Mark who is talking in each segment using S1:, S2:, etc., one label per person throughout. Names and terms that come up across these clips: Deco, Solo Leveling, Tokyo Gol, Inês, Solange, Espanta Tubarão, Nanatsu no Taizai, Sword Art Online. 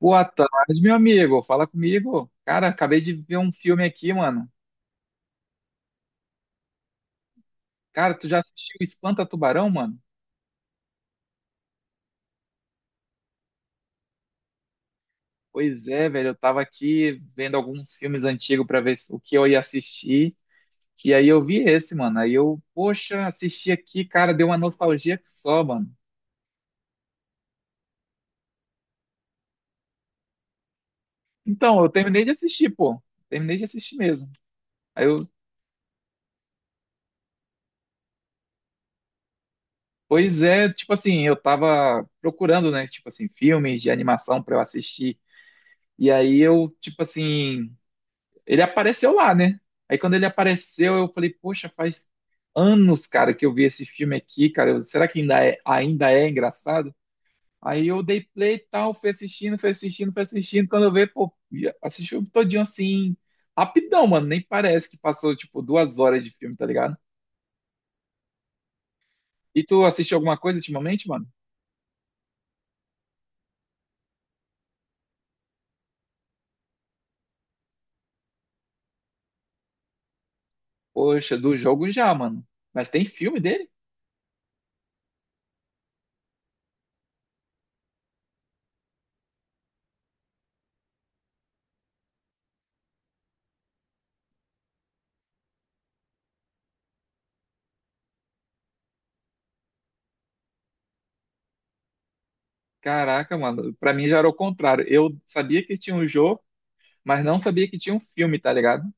S1: Boa tarde, meu amigo. Fala comigo. Cara, acabei de ver um filme aqui, mano. Cara, tu já assistiu Espanta Tubarão, mano? Pois é, velho. Eu tava aqui vendo alguns filmes antigos pra ver o que eu ia assistir. E aí eu vi esse, mano. Aí eu, poxa, assisti aqui, cara, deu uma nostalgia que só, mano. Então, eu terminei de assistir, pô. Terminei de assistir mesmo. Aí eu, pois é, tipo assim, eu tava procurando, né, tipo assim, filmes de animação pra eu assistir. E aí eu, tipo assim. Ele apareceu lá, né? Aí quando ele apareceu, eu falei, poxa, faz anos, cara, que eu vi esse filme aqui, cara. Será que ainda é engraçado? Aí eu dei play e tal, fui assistindo, fui assistindo, fui assistindo. Quando eu vi, pô, já assisti o filme todinho assim, rapidão, mano. Nem parece que passou, tipo, 2 horas de filme, tá ligado? E tu assistiu alguma coisa ultimamente, mano? Poxa, do jogo já, mano. Mas tem filme dele? Caraca, mano. Pra mim já era o contrário. Eu sabia que tinha um jogo, mas não sabia que tinha um filme, tá ligado?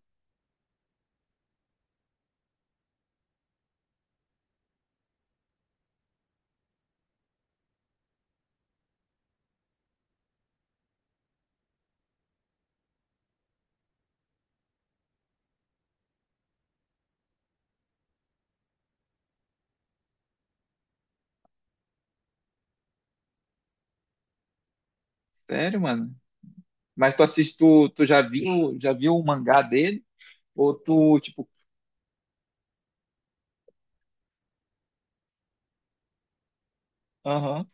S1: Sério, mano. Mas tu assiste, tu já viu o mangá dele? Ou tu, tipo, aham.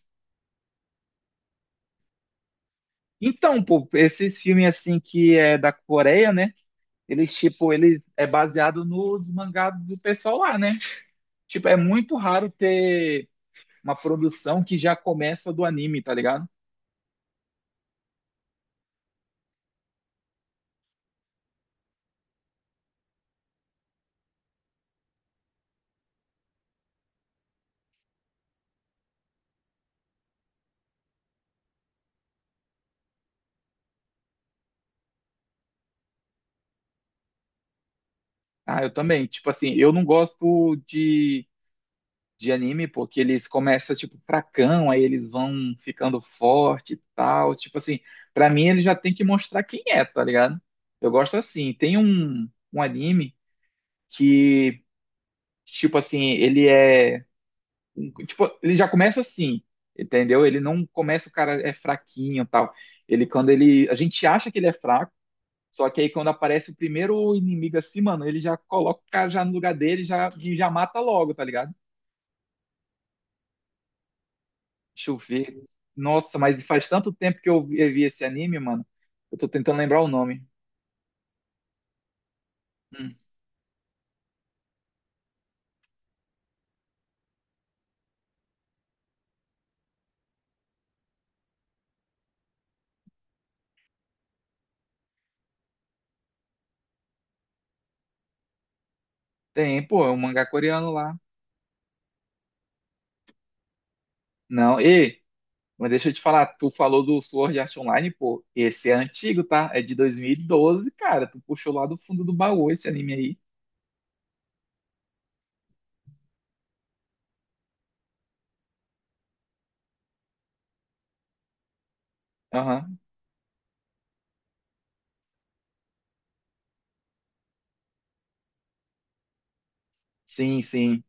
S1: Então, pô, esses filmes assim que é da Coreia, né? Eles, tipo, eles é baseado nos mangás do pessoal lá, né? Tipo, é muito raro ter uma produção que já começa do anime, tá ligado? Ah, eu também. Tipo assim, eu não gosto de anime, porque eles começam, tipo, fracão, aí eles vão ficando forte e tal. Tipo assim, pra mim ele já tem que mostrar quem é, tá ligado? Eu gosto assim. Tem um anime que, tipo assim, ele é. Um, tipo, ele já começa assim, entendeu? Ele não começa, o cara é fraquinho e tal. Ele, quando ele. A gente acha que ele é fraco. Só que aí quando aparece o primeiro inimigo assim, mano, ele já coloca o cara já no lugar dele já, e já mata logo, tá ligado? Deixa eu ver. Nossa, mas faz tanto tempo que eu vi esse anime, mano. Eu tô tentando lembrar o nome. Hum. Tem, pô, é um mangá coreano lá. Não, e, mas deixa eu te falar, tu falou do Sword Art Online, pô. Esse é antigo, tá? É de 2012, cara. Tu puxou lá do fundo do baú esse anime aí. Aham. Sim, sim.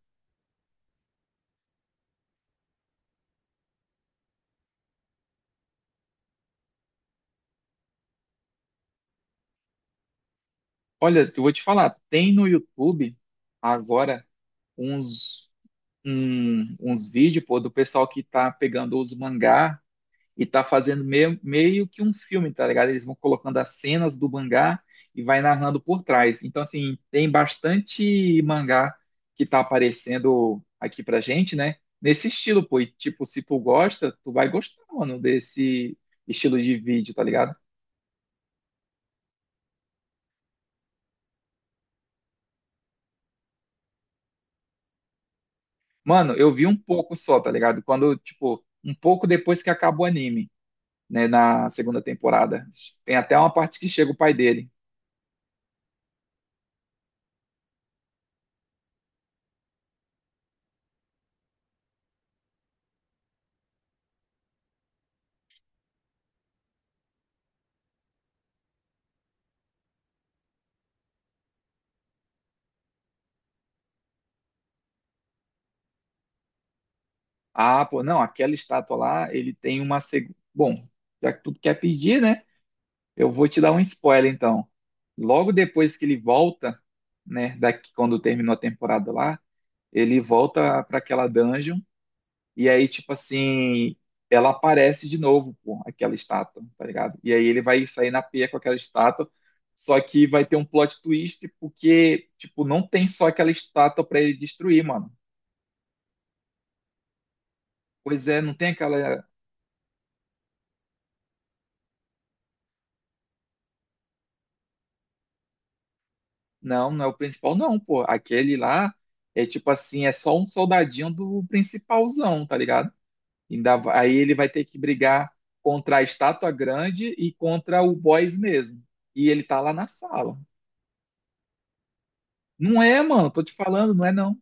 S1: Olha, eu vou te falar, tem no YouTube agora uns, uns vídeos, pô, do pessoal que tá pegando os mangá e tá fazendo meio, meio que um filme, tá ligado? Eles vão colocando as cenas do mangá e vai narrando por trás. Então, assim, tem bastante mangá que tá aparecendo aqui pra gente, né? Nesse estilo, pô. E, tipo, se tu gosta, tu vai gostar, mano, desse estilo de vídeo, tá ligado? Mano, eu vi um pouco só, tá ligado? Quando, tipo, um pouco depois que acabou o anime, né? Na segunda temporada. Tem até uma parte que chega o pai dele. Ah, pô, não, aquela estátua lá, ele tem uma Bom, já que tu quer pedir, né? Eu vou te dar um spoiler então. Logo depois que ele volta, né, daqui quando terminou a temporada lá, ele volta para aquela dungeon e aí tipo assim, ela aparece de novo, pô, aquela estátua, tá ligado? E aí ele vai sair na pia com aquela estátua, só que vai ter um plot twist porque tipo não tem só aquela estátua para ele destruir, mano. Pois é, não tem aquela. Não, não é o principal, não, pô. Aquele lá é tipo assim, é só um soldadinho do principalzão, tá ligado? Ainda, aí ele vai ter que brigar contra a estátua grande e contra o boss mesmo. E ele tá lá na sala. Não é, mano, tô te falando, não é não.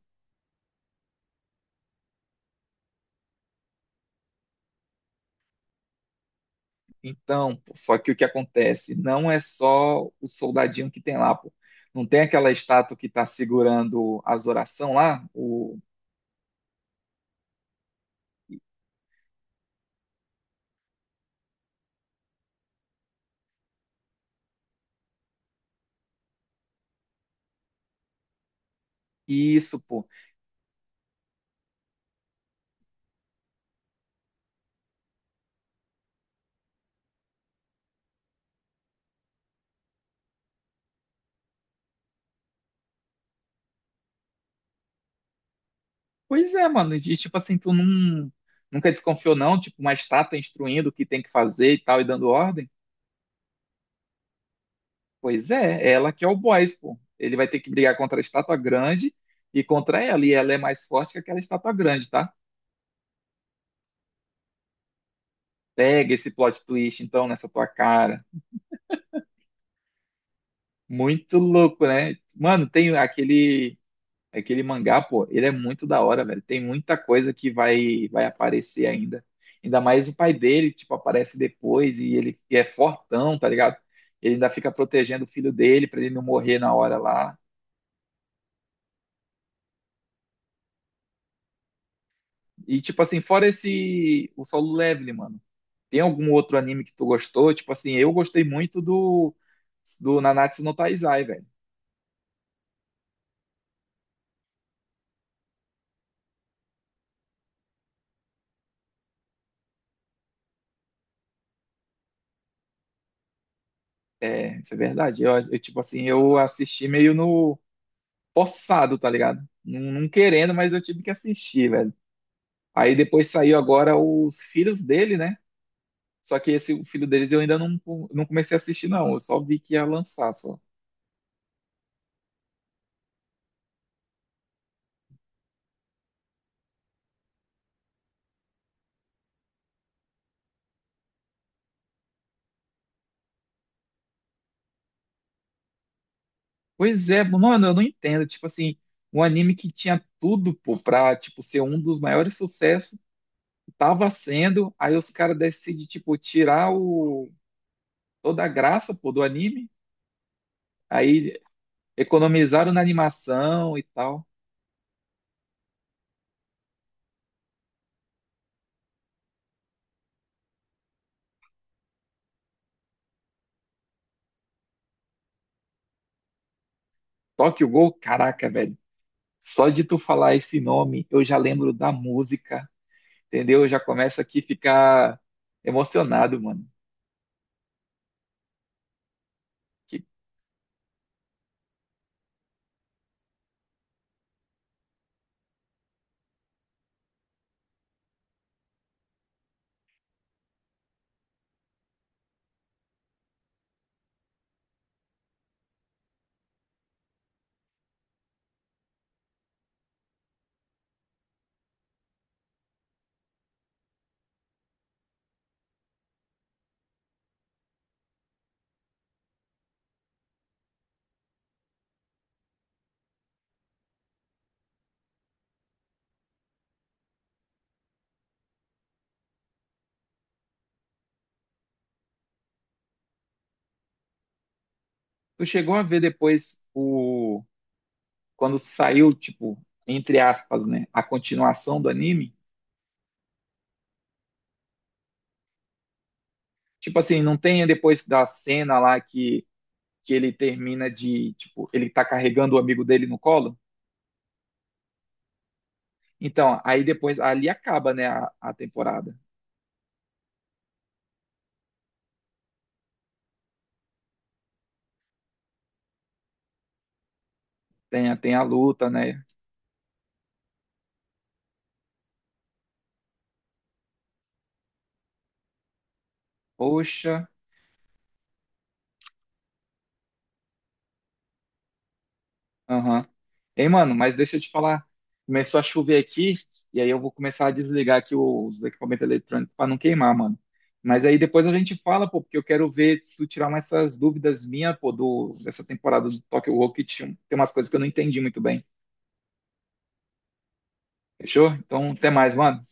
S1: Então, pô, só que o que acontece? Não é só o soldadinho que tem lá, pô. Não tem aquela estátua que tá segurando as orações lá? O... Isso, pô. Pois é, mano. E tipo assim, tu não, nunca desconfiou, não? Tipo, uma estátua instruindo o que tem que fazer e tal, e dando ordem? Pois é, é ela que é o boss, pô. Ele vai ter que brigar contra a estátua grande e contra ela. E ela é mais forte que aquela estátua grande, tá? Pega esse plot twist, então, nessa tua cara. Muito louco, né? Mano, tem aquele. Aquele mangá, pô, ele é muito da hora, velho. Tem muita coisa que vai aparecer ainda. Ainda mais o pai dele, tipo, aparece depois e ele e é fortão, tá ligado? Ele ainda fica protegendo o filho dele pra ele não morrer na hora lá. E, tipo assim, fora esse. O Solo Leveling, mano. Tem algum outro anime que tu gostou? Tipo assim, eu gostei muito do. Do Nanatsu no Taizai, velho. É, isso é verdade. Tipo assim, eu assisti meio no. Forçado, tá ligado? Não, não querendo, mas eu tive que assistir, velho. Aí depois saiu agora os filhos dele, né? Só que esse o filho deles eu ainda não, não comecei a assistir, não. Eu só vi que ia lançar, só. Pois é, mano, eu não entendo. Tipo assim, um anime que tinha tudo, pô, pra, tipo, ser um dos maiores sucessos, tava sendo, aí os caras decidem, tipo, tirar o... toda a graça, pô, do anime. Aí economizaram na animação e tal. Tokyo Gol, caraca, velho. Só de tu falar esse nome, eu já lembro da música. Entendeu? Já começa aqui a ficar emocionado, mano. Que tu chegou a ver depois o quando saiu, tipo, entre aspas, né, a continuação do anime? Tipo assim, não tem depois da cena lá que ele termina de, tipo, ele tá carregando o amigo dele no colo? Então, aí depois ali acaba, né, a temporada. Tem, tem a luta, né? Poxa, aham. Ei, mano, mas deixa eu te falar. Começou a chover aqui, e aí eu vou começar a desligar aqui os equipamentos eletrônicos para não queimar, mano. Mas aí depois a gente fala, pô, porque eu quero ver se tu tirar umas essas dúvidas minhas, pô, dessa temporada do Tokyo Rock, que tinha- tem umas coisas que eu não entendi muito bem. Fechou? Então, até mais, mano.